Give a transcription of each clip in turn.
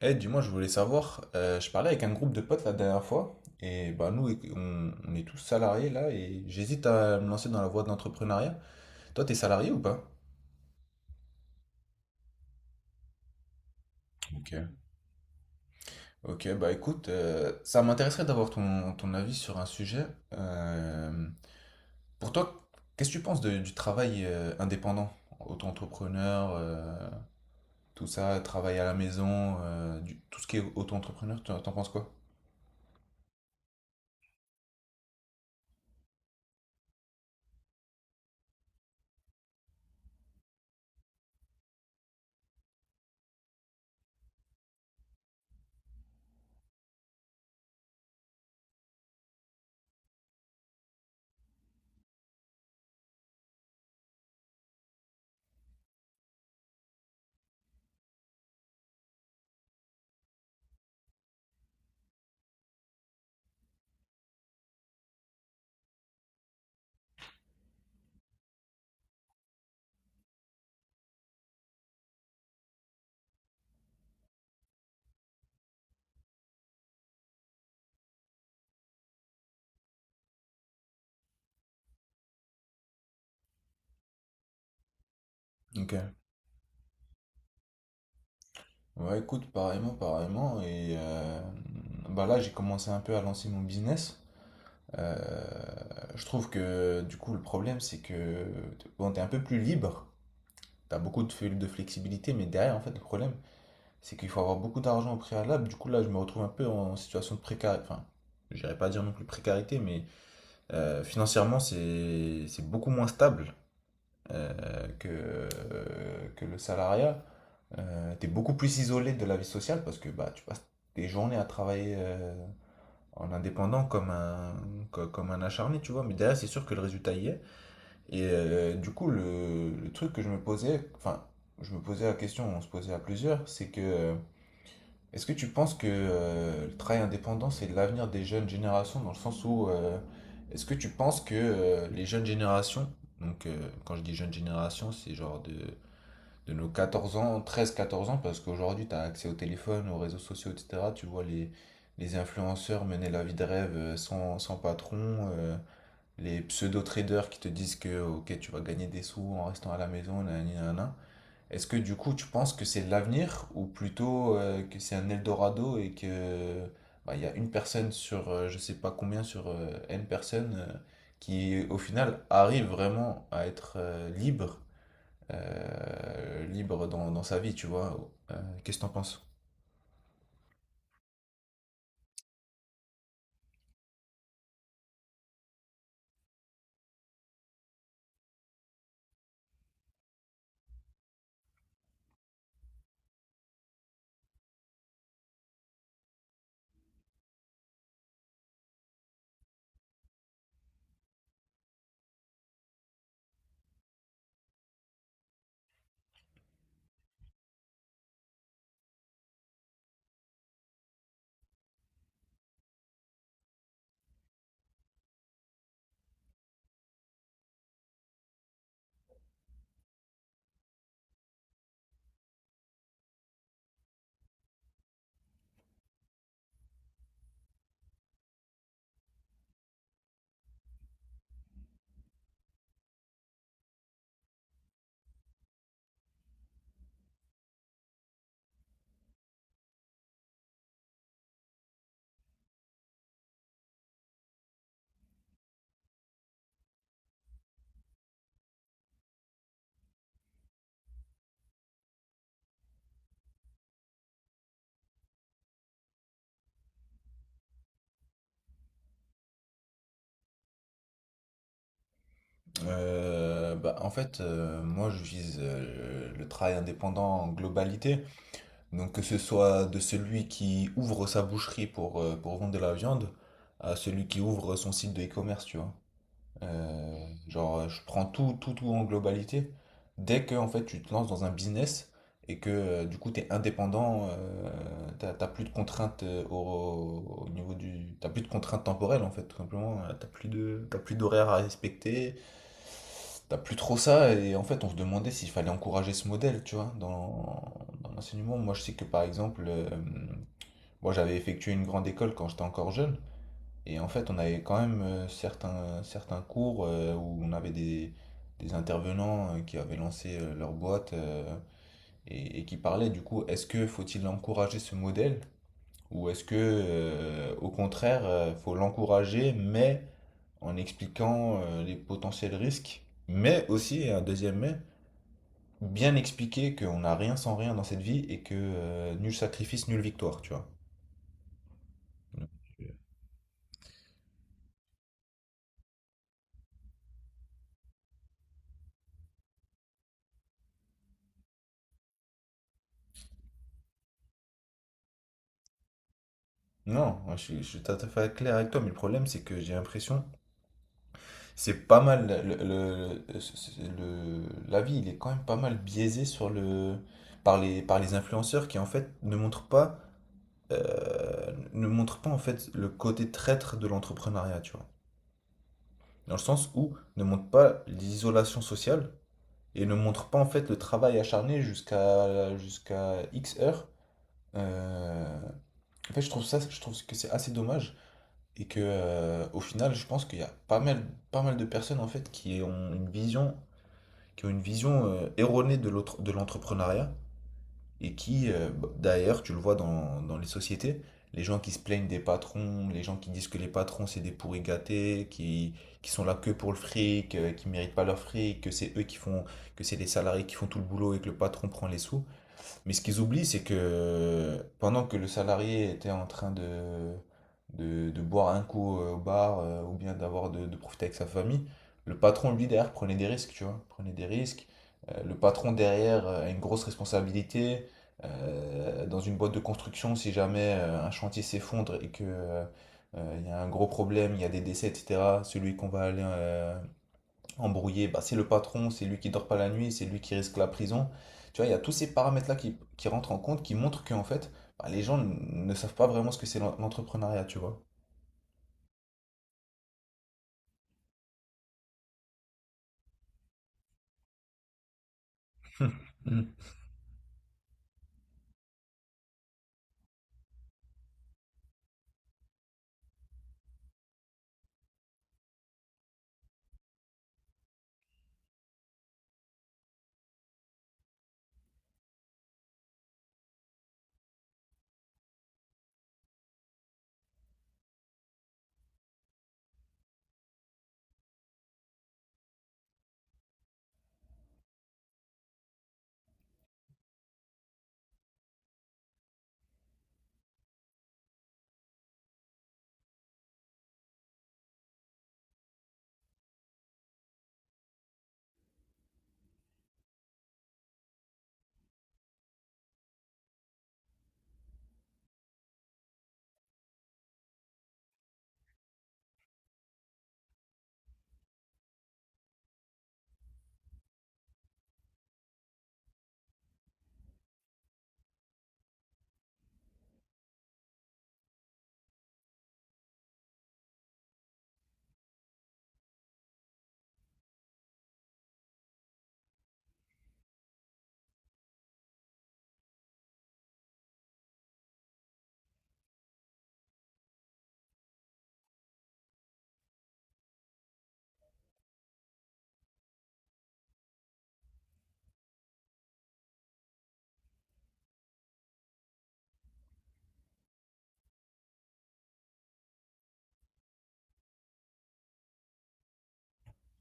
Eh, dis-moi, je voulais savoir, je parlais avec un groupe de potes la dernière fois, et bah nous, on est tous salariés là, et j'hésite à me lancer dans la voie de l'entrepreneuriat. Toi, t'es salarié ou pas? Ok. Ok, bah écoute, ça m'intéresserait d'avoir ton avis sur un sujet. Euh, pour toi, qu'est-ce que tu penses du travail indépendant? Auto-entrepreneur, tout ça, travail à la maison, tout ce qui est auto-entrepreneur, t'en penses quoi? Ok. Ouais, écoute, pareillement, pareillement. Et bah là, j'ai commencé un peu à lancer mon business. Je trouve que du coup, le problème, c'est que bon, t'es un peu plus libre. T'as beaucoup de flexibilité, mais derrière, en fait, le problème, c'est qu'il faut avoir beaucoup d'argent au préalable. Du coup, là, je me retrouve un peu en situation de précarité. Enfin, j'irais pas dire non plus précarité, mais financièrement, c'est beaucoup moins stable euh, que, que le salariat. T'es beaucoup plus isolé de la vie sociale parce que bah, tu passes des journées à travailler en indépendant comme comme un acharné, tu vois. Mais derrière, c'est sûr que le résultat y est. Et du coup, le truc que je me posais, enfin, je me posais la question, on se posait à plusieurs, c'est que est-ce que tu penses que le travail indépendant, c'est l'avenir des jeunes générations dans le sens où est-ce que tu penses que les jeunes générations, donc quand je dis jeunes générations, c'est genre de nos 14 ans, treize quatorze ans, parce qu'aujourd'hui, tu as accès au téléphone, aux réseaux sociaux, etc. Tu vois les influenceurs mener la vie de rêve sans patron, les pseudo-traders qui te disent que ok, tu vas gagner des sous en restant à la maison, nanani, nanana. Est-ce que du coup, tu penses que c'est l'avenir ou plutôt que c'est un Eldorado et que bah, il y a une personne sur je sais pas combien, sur N personnes qui au final arrive vraiment à être libre libre dans dans, sa vie, tu vois. Euh, Qu'est-ce que t'en penses? En fait, moi je vise le travail indépendant en globalité. Donc que ce soit de celui qui ouvre sa boucherie pour vendre de la viande à celui qui ouvre son site de e-commerce, tu vois. Je prends tout, tout, tout en globalité. Dès que en fait, tu te lances dans un business et que du coup, tu es indépendant, t'as plus de contraintes au niveau du. T'as plus de contraintes temporelles en fait, tout simplement. T'as plus t'as plus d'horaires à respecter. T'as plus trop ça. Et en fait, on se demandait s'il fallait encourager ce modèle, tu vois, dans l'enseignement. Moi, je sais que par exemple, moi, j'avais effectué une grande école quand j'étais encore jeune. Et en fait, on avait quand même certains, certains cours où on avait des intervenants qui avaient lancé leur boîte et qui parlaient du coup, est-ce que faut-il encourager ce modèle ou est-ce que au contraire, faut l'encourager mais en expliquant les potentiels risques, mais aussi, et un deuxième mais, bien expliquer qu'on n'a rien sans rien dans cette vie et que nul sacrifice, nulle victoire, tu vois. Non, moi, je suis tout à fait clair avec toi, mais le problème c'est que j'ai l'impression. C'est pas mal, l'avis, il est quand même pas mal biaisé par par les influenceurs qui en fait ne montrent pas, ne montrent pas en fait le côté traître de l'entrepreneuriat, tu vois. Dans le sens où ne montrent pas l'isolation sociale et ne montrent pas en fait le travail acharné jusqu'à X heures. Euh, En fait, je trouve que c'est assez dommage et que au final, je pense qu'il y a pas mal de personnes en fait qui ont une vision erronée de l'entrepreneuriat et qui, bah, d'ailleurs, tu le vois dans les sociétés, les gens qui se plaignent des patrons, les gens qui disent que les patrons c'est des pourris gâtés, qui sont là que pour le fric, qui méritent pas leur fric, que c'est les salariés qui font tout le boulot et que le patron prend les sous. Mais ce qu'ils oublient, c'est que pendant que le salarié était en train de boire un coup au bar ou bien de profiter avec sa famille, le patron, lui, derrière, prenait des risques, tu vois, prenait des risques. Le patron, derrière, a une grosse responsabilité. Dans une boîte de construction, si jamais un chantier s'effondre et que il y a un gros problème, il y a des décès, etc., celui qu'on va aller embrouillé, bah, c'est le patron, c'est lui qui dort pas la nuit, c'est lui qui risque la prison. Tu vois, il y a tous ces paramètres-là qui rentrent en compte, qui montrent qu'en fait, bah, les gens ne savent pas vraiment ce que c'est l'entrepreneuriat, tu vois. Mm.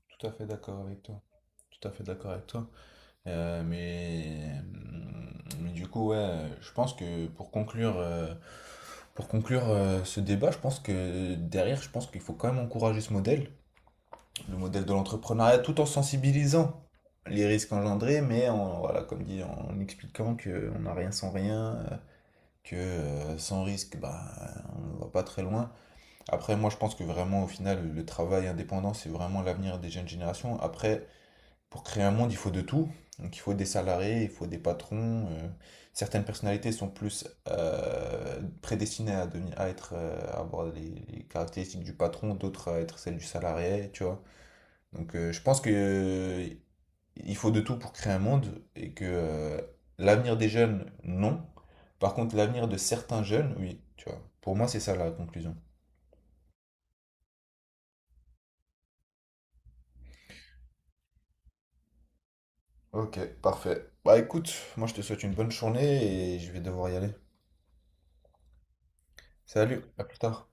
Tout à fait d'accord avec toi. Tout à fait d'accord avec toi. Mais du coup, ouais, je pense que pour conclure ce débat, je pense que derrière, je pense qu'il faut quand même encourager ce modèle. Le modèle de l'entrepreneuriat tout en sensibilisant les risques engendrés, mais en, voilà, comme dit, en expliquant qu'on n'a rien sans rien, que sans risque, bah, on ne va pas très loin. Après, moi, je pense que vraiment, au final, le travail indépendant, c'est vraiment l'avenir des jeunes générations. Après, pour créer un monde, il faut de tout. Donc, il faut des salariés, il faut des patrons. Certaines personnalités sont plus prédestinées à, devenir, à, être, à avoir les caractéristiques du patron, d'autres à être celles du salarié, tu vois. Donc je pense que il faut de tout pour créer un monde et que l'avenir des jeunes, non. Par contre, l'avenir de certains jeunes, oui, tu vois. Pour moi, c'est ça la conclusion. Ok, parfait. Bah écoute, moi je te souhaite une bonne journée et je vais devoir y aller. Salut, à plus tard.